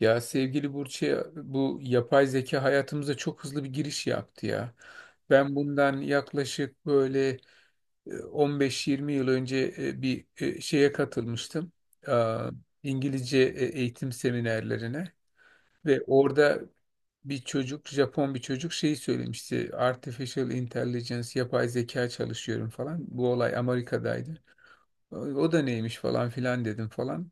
Ya sevgili Burç'e bu yapay zeka hayatımıza çok hızlı bir giriş yaptı ya. Ben bundan yaklaşık böyle 15-20 yıl önce bir şeye katılmıştım. Aa, İngilizce eğitim seminerlerine ve orada bir çocuk, Japon bir çocuk şeyi söylemişti. Artificial Intelligence, yapay zeka çalışıyorum falan. Bu olay Amerika'daydı. O da neymiş falan filan dedim falan.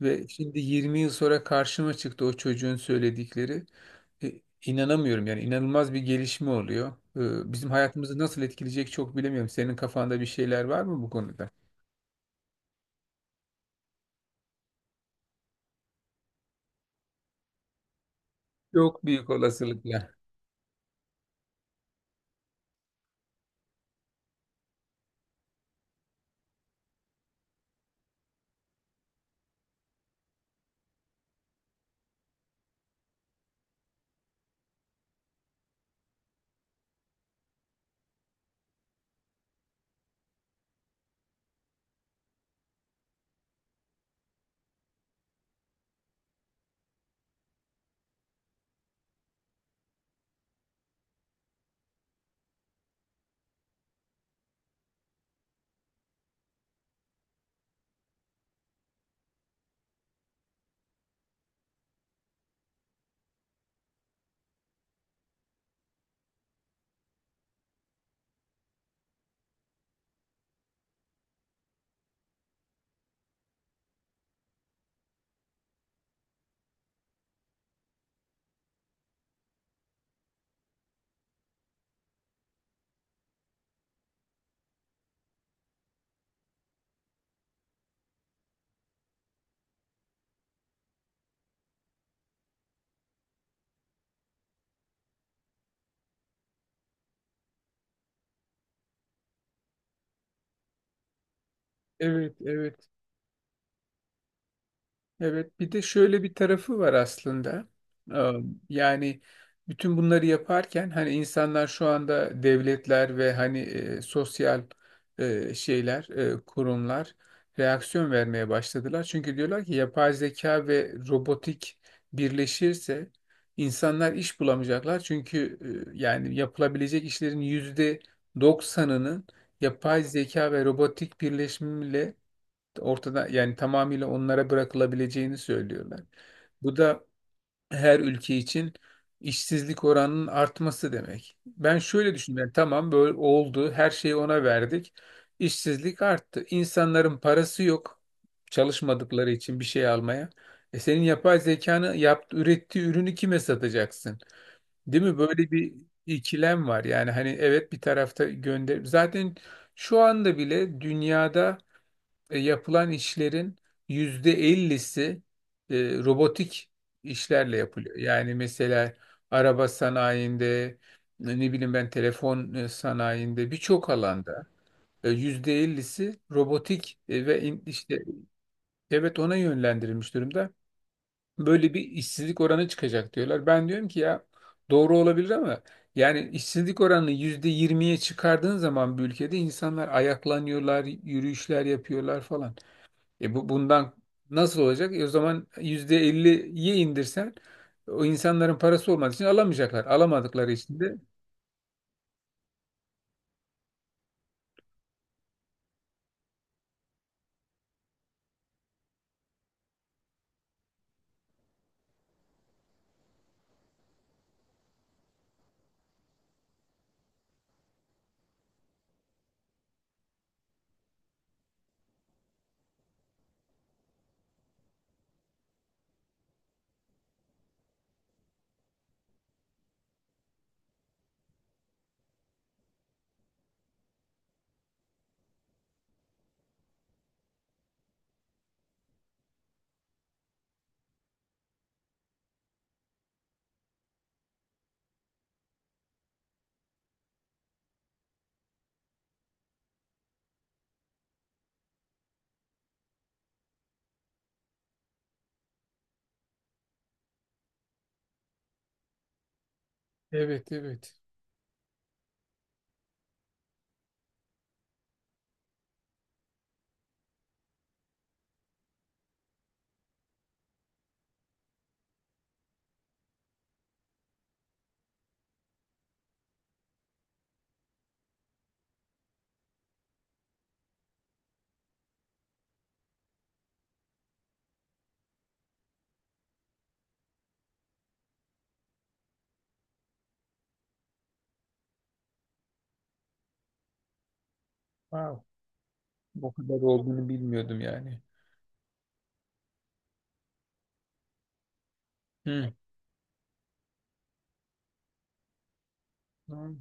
Ve şimdi 20 yıl sonra karşıma çıktı o çocuğun söyledikleri. E, inanamıyorum yani inanılmaz bir gelişme oluyor. Bizim hayatımızı nasıl etkileyecek çok bilemiyorum. Senin kafanda bir şeyler var mı bu konuda? Çok büyük olasılıkla. Evet, evet. Evet, bir de şöyle bir tarafı var aslında. Ee, Yani bütün bunları yaparken hani insanlar şu anda devletler ve hani sosyal şeyler, kurumlar reaksiyon vermeye başladılar. Çünkü diyorlar ki yapay zeka ve robotik birleşirse insanlar iş bulamayacaklar. Çünkü yani yapılabilecek işlerin %90'ının yapay zeka ve robotik birleşimiyle ortada yani tamamıyla onlara bırakılabileceğini söylüyorlar. Bu da her ülke için işsizlik oranının artması demek. Ben şöyle düşünüyorum. Yani tamam böyle oldu. Her şeyi ona verdik. İşsizlik arttı. İnsanların parası yok. Çalışmadıkları için bir şey almaya. Senin yapay zekanı yaptı, ürettiği ürünü kime satacaksın? Değil mi? Böyle bir ikilem var. Yani hani evet bir tarafta gönder. Zaten şu anda bile dünyada yapılan işlerin %50'si e, robotik işlerle yapılıyor. Yani mesela araba sanayinde, ne bileyim ben telefon sanayinde birçok alanda %50'si robotik ve işte evet ona yönlendirilmiş durumda. Böyle bir işsizlik oranı çıkacak diyorlar. Ben diyorum ki ya doğru olabilir ama yani işsizlik oranını %20'ye çıkardığın zaman bir ülkede insanlar ayaklanıyorlar, yürüyüşler yapıyorlar falan. Bu bundan nasıl olacak? O zaman %50'ye indirsen o insanların parası olmadığı için alamayacaklar. Alamadıkları için de evet, evet. Wow. Bu kadar olduğunu bilmiyordum yani. Hı. Hı.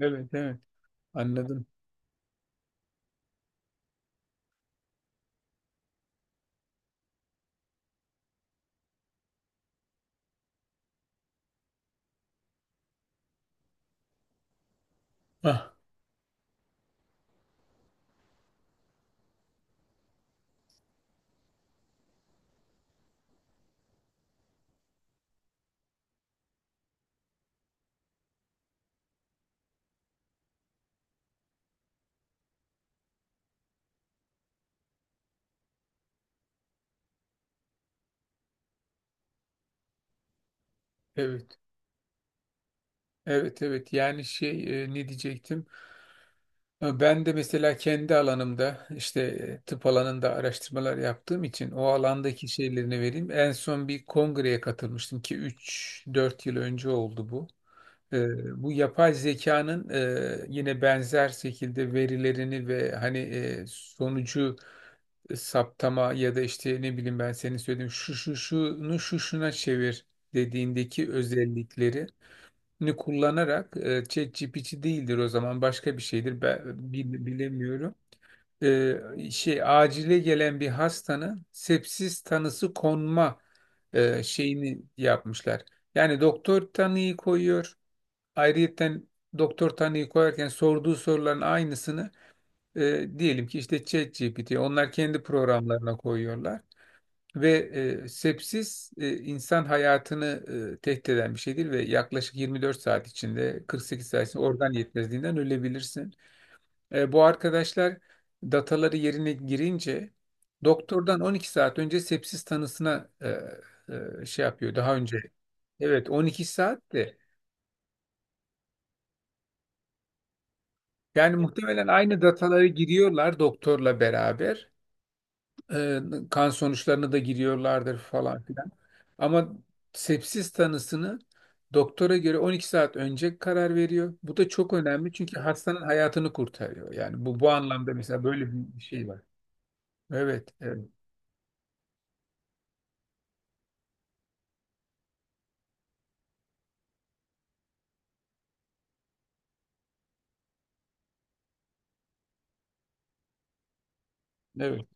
Evet, evet. Anladım. Ah, evet. Evet, evet. Yani şey ne diyecektim? Ben de mesela kendi alanımda işte tıp alanında araştırmalar yaptığım için o alandaki şeylerini vereyim. En son bir kongreye katılmıştım ki 3-4 yıl önce oldu bu. Bu yapay zekanın yine benzer şekilde verilerini ve hani sonucu saptama ya da işte ne bileyim ben senin söylediğin şu şu şunu şu şuna çevir dediğindeki özellikleri ni kullanarak ChatGPT değildir o zaman başka bir şeydir ben bilemiyorum. Şey acile gelen bir hastanın sepsis tanısı konma şeyini yapmışlar. Yani doktor tanıyı koyuyor. Ayrıyeten doktor tanıyı koyarken sorduğu soruların aynısını diyelim ki işte ChatGPT onlar kendi programlarına koyuyorlar. Ve sepsis insan hayatını tehdit eden bir şeydir ve yaklaşık 24 saat içinde 48 saat içinde organ yetmezliğinden ölebilirsin. Bu arkadaşlar dataları yerine girince doktordan 12 saat önce sepsis tanısına şey yapıyor daha önce. Evet, 12 saat de. Yani muhtemelen aynı dataları giriyorlar doktorla beraber. Ee, Kan sonuçlarını da giriyorlardır falan filan. Ama sepsis tanısını doktora göre 12 saat önce karar veriyor. Bu da çok önemli çünkü hastanın hayatını kurtarıyor. Yani bu anlamda mesela böyle bir şey var. Evet, evet, evet.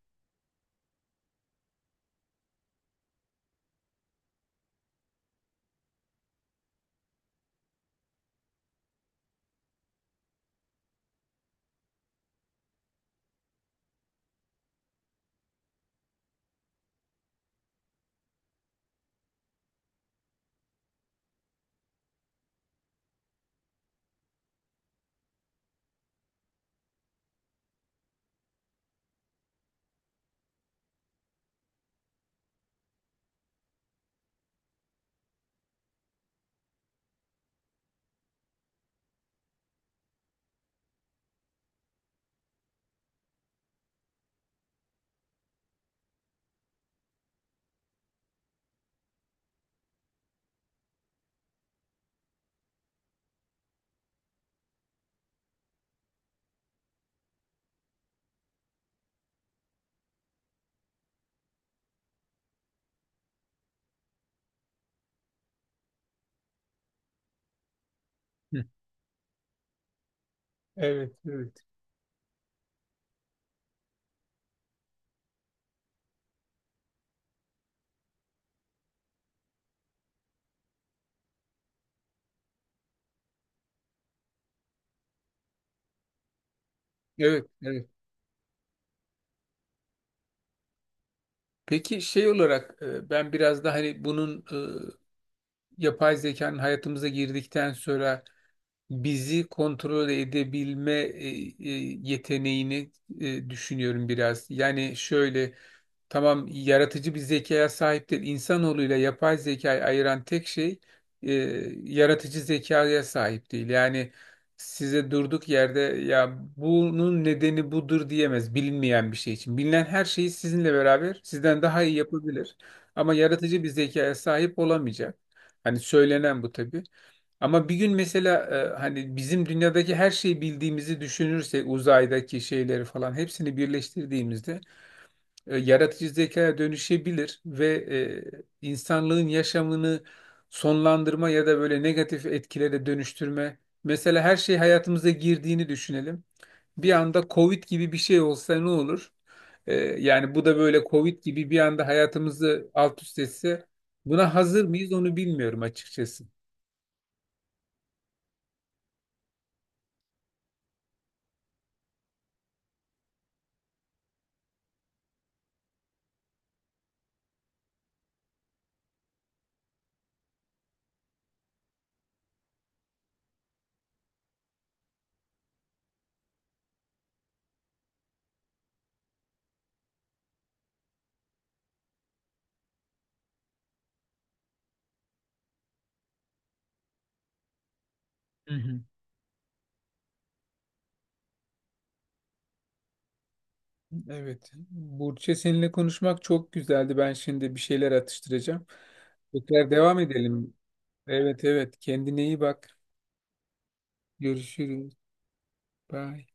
Hı, evet, evet. Evet, evet. Peki şey olarak ben biraz da hani bunun yapay zekanın hayatımıza girdikten sonra bizi kontrol edebilme e, yeteneğini düşünüyorum biraz. Yani şöyle tamam yaratıcı bir zekaya sahip değil. İnsanoğluyla yapay zekayı ayıran tek şey e, yaratıcı zekaya sahip değil. Yani size durduk yerde ya bunun nedeni budur diyemez bilinmeyen bir şey için. Bilinen her şeyi sizinle beraber sizden daha iyi yapabilir. Ama yaratıcı bir zekaya sahip olamayacak. Hani söylenen bu tabii. Ama bir gün mesela hani bizim dünyadaki her şeyi bildiğimizi düşünürsek uzaydaki şeyleri falan hepsini birleştirdiğimizde yaratıcı zekaya dönüşebilir ve insanlığın yaşamını sonlandırma ya da böyle negatif etkilere dönüştürme. Mesela her şey hayatımıza girdiğini düşünelim. Bir anda Covid gibi bir şey olsa ne olur? Yani bu da böyle Covid gibi bir anda hayatımızı alt üst etse buna hazır mıyız onu bilmiyorum açıkçası. Evet. Burçe seninle konuşmak çok güzeldi. Ben şimdi bir şeyler atıştıracağım. Tekrar devam edelim. Evet, evet. Kendine iyi bak. Görüşürüz. Bye.